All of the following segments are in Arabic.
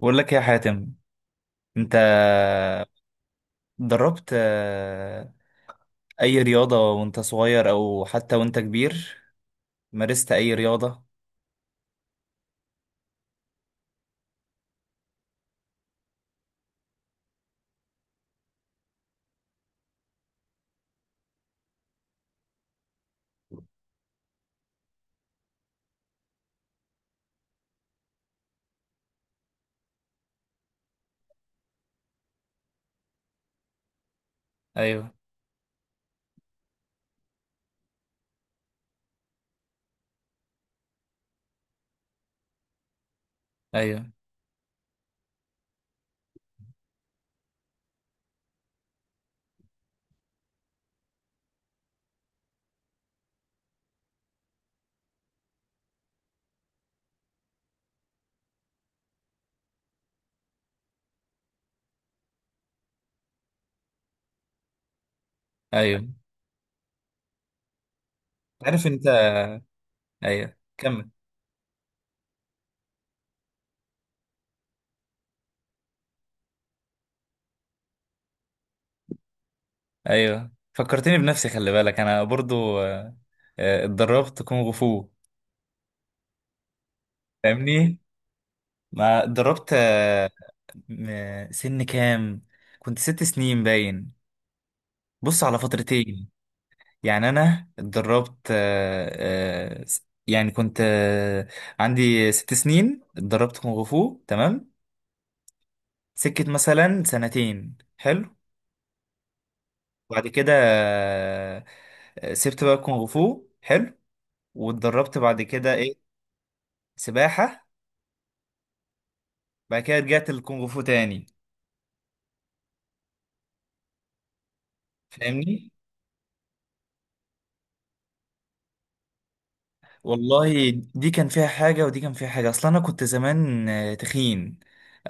بقول لك يا حاتم، انت دربت اي رياضة وانت صغير او حتى وانت كبير؟ مارست اي رياضة؟ ايوه، ايوه، ايوه. عارف انت. ايوه، كمل. ايوه، فكرتني بنفسي، خلي بالك انا برضو اتدربت كونغ فو. فاهمني؟ ما اتدربت آه، م- سن كام كنت؟ 6 سنين باين. بص، على فترتين. يعني انا اتدربت آه، آه، س- يعني كنت آه، عندي 6 سنين اتدربت كونغ فو، تمام؟ سكت مثلا 2 سنة، حلو. وبعد كده سبت بقى كونغ فو، حلو. واتدربت بعد كده ايه؟ سباحة. بعد كده رجعت للكونغ فو تاني. فاهمني؟ والله، دي كان فيها حاجة ودي كان فيها حاجة. اصلا انا كنت زمان تخين.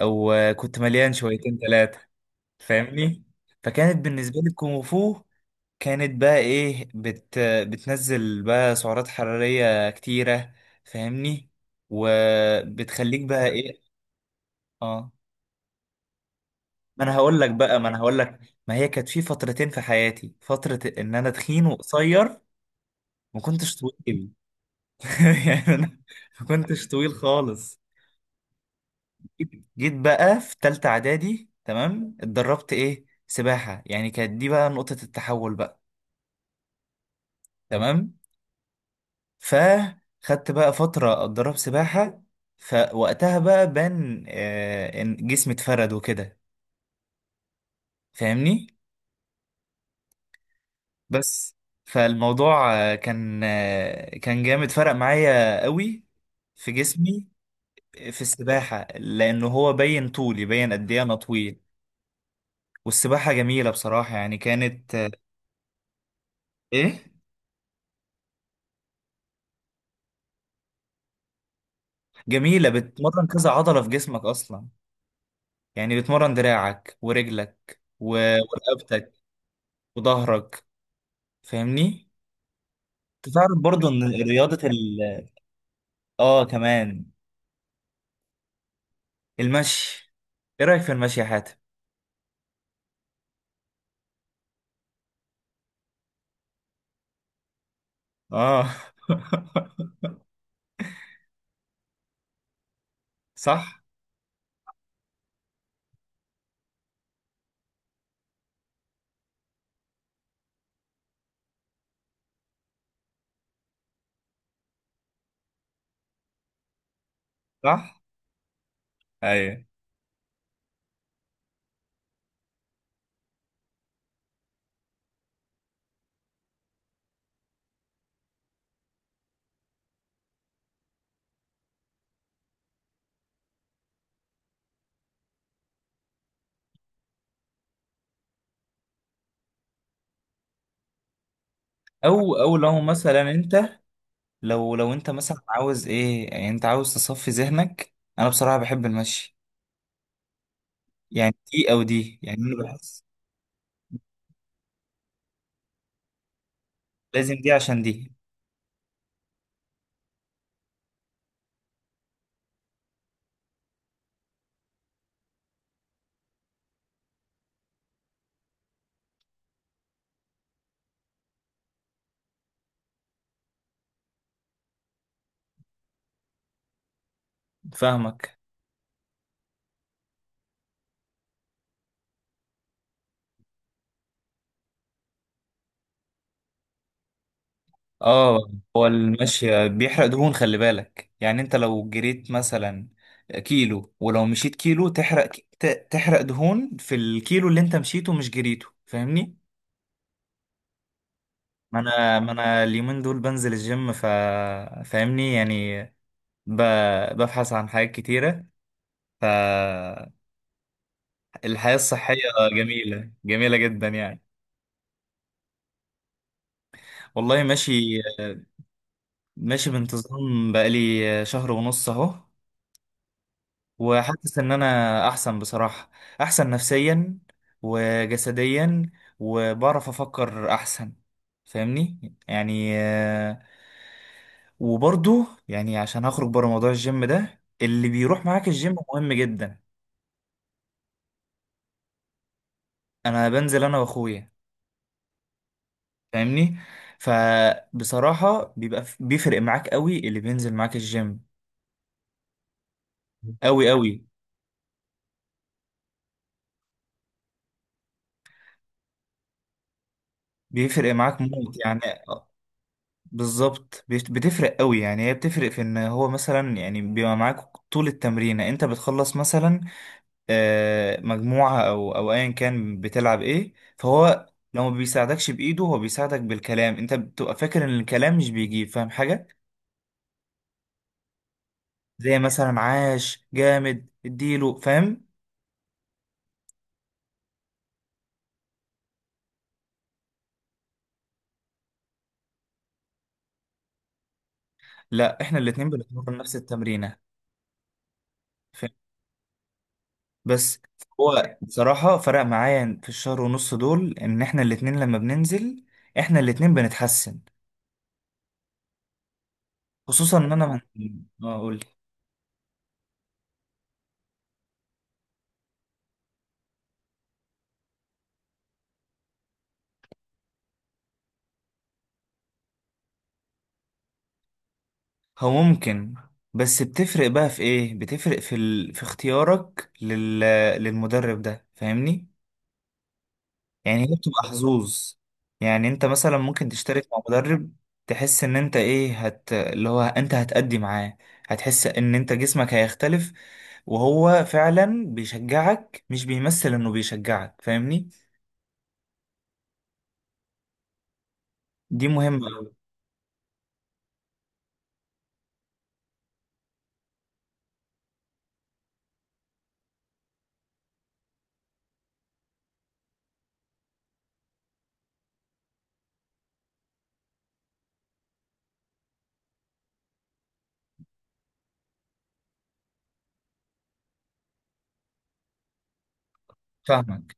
او كنت مليان شويتين ثلاثة. فاهمني؟ فكانت بالنسبة لي الكونغ فو، كانت بقى ايه، بتنزل بقى سعرات حرارية كتيرة. فاهمني؟ وبتخليك بقى ايه. اه، ما انا هقول لك بقى، ما انا هقول لك. ما هي كانت في فترتين في حياتي، فترة ان انا تخين وقصير، ما كنتش طويل. يعني انا ما كنتش طويل خالص. جيت بقى في تالتة اعدادي، تمام؟ اتدربت ايه، سباحة. يعني كانت دي بقى نقطة التحول بقى، تمام. فخدت بقى فترة أتدرب سباحة. فوقتها بقى بان إن جسمي اتفرد وكده. فاهمني؟ بس فالموضوع كان جامد، فرق معايا قوي في جسمي، في السباحة. لأنه هو بين طولي، بين قد إيه أنا طويل. والسباحة جميلة بصراحة، يعني كانت آه، إيه، جميلة، بتمرن كذا عضلة في جسمك أصلا. يعني بتمرن دراعك ورجلك ورقبتك وظهرك. فاهمني؟ تعرف برضو ان رياضة ال، اه كمان، المشي، ايه رأيك في المشي يا حاتم؟ اه. صح، صح، ايوه. او لو مثلا انت، لو انت مثلا عاوز ايه، يعني انت عاوز تصفي ذهنك، انا بصراحة بحب المشي. يعني دي او دي، يعني انا بحس لازم دي، عشان دي. فاهمك. اه، هو المشي بيحرق دهون، خلي بالك. يعني انت لو جريت مثلا كيلو ولو مشيت كيلو، تحرق تحرق دهون في الكيلو اللي انت مشيته، مش جريته. فاهمني؟ ما انا اليومين دول بنزل الجيم، ف، فاهمني يعني. ب... ببحث عن حاجات كتيرة، فالحياة الصحية. جميلة، جميلة جدا يعني. والله، ماشي. ماشي بانتظام بقالي شهر ونص اهو. وحاسس ان انا احسن بصراحة، احسن نفسيا وجسديا، وبعرف افكر احسن. فاهمني؟ وبرضو يعني، عشان هخرج بره موضوع الجيم ده، اللي بيروح معاك الجيم مهم جدا. انا بنزل انا واخويا. فاهمني؟ فبصراحة بيبقى، بيفرق معاك قوي اللي بينزل معاك الجيم. قوي، قوي. بيفرق معاك موت يعني. بالظبط. بتفرق قوي يعني. هي بتفرق في ان هو مثلا يعني بيبقى معاك طول التمرينة، انت بتخلص مثلا مجموعة او ايا كان بتلعب ايه، فهو لو ما بيساعدكش بايده، هو بيساعدك بالكلام. انت بتبقى فاكر ان الكلام مش بيجيب، فاهم حاجة زي مثلا عاش جامد اديله، فاهم؟ لا، احنا الاتنين بنتمرن نفس التمرينة. فاهم؟ بس هو بصراحة فرق معايا في الشهر ونص دول، ان احنا الاتنين لما بننزل، احنا الاتنين بنتحسن. خصوصا ان انا من، اه قول لي. هو ممكن، بس بتفرق بقى في ايه، بتفرق في ال، في اختيارك لل، للمدرب ده. فاهمني؟ يعني هي بتبقى حظوظ. يعني انت مثلا ممكن تشترك مع مدرب تحس ان انت ايه، هت، اللي هو انت هتأدي معاه، هتحس ان انت جسمك هيختلف. وهو فعلا بيشجعك، مش بيمثل انه بيشجعك. فاهمني؟ دي مهمة أوي. فاهمك.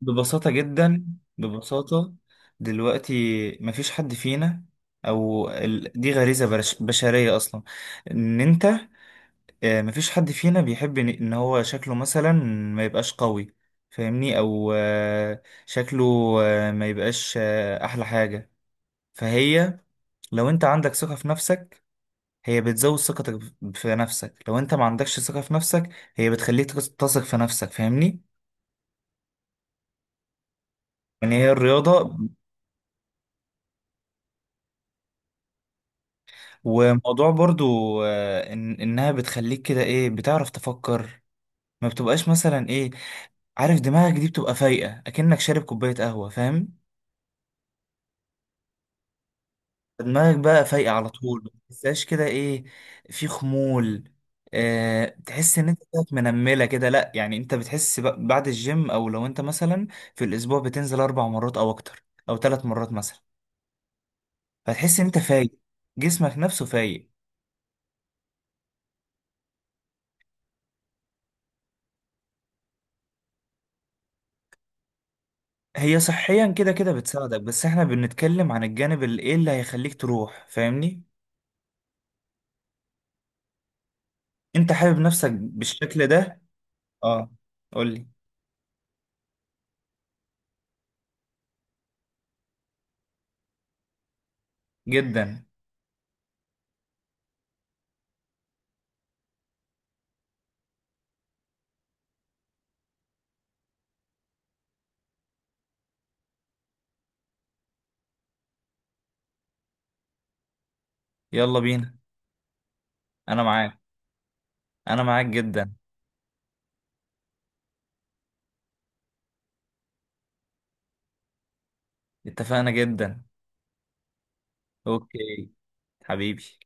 ببساطة جدا، ببساطة. دلوقتي مفيش حد فينا، أو ال، بشرية أصلا. إن أنت مفيش حد فينا بيحب إن هو شكله مثلا ما يبقاش قوي. فاهمني؟ أو شكله، ما يبقاش أحلى حاجة. فهي، لو أنت عندك ثقة في نفسك، هي بتزود ثقتك في نفسك. لو أنت ما عندكش ثقة في نفسك، هي بتخليك تثق في نفسك. فاهمني؟ يعني هي الرياضة. وموضوع برضو إن إنها بتخليك كده إيه، بتعرف تفكر. ما بتبقاش مثلا إيه، عارف، دماغك دي بتبقى فايقة أكنك شارب كوباية قهوة. فاهم؟ دماغك بقى فايقة على طول، ما بتحسهاش كده إيه، في خمول. أه، تحس إن أنت بقت منملة كده، لأ. يعني أنت بتحس بعد الجيم، أو لو أنت مثلا في الأسبوع بتنزل 4 مرات أو أكتر أو 3 مرات مثلا، فتحس إن أنت فايق، جسمك نفسه فايق. هي صحيا كده كده بتساعدك، بس احنا بنتكلم عن الجانب اللي ايه، اللي هيخليك تروح. فاهمني؟ انت حابب نفسك بالشكل ده. اه، قولي. جدا. يلا بينا، انا معاك. انا معاك جدا. اتفقنا جدا. اوكي. حبيبي.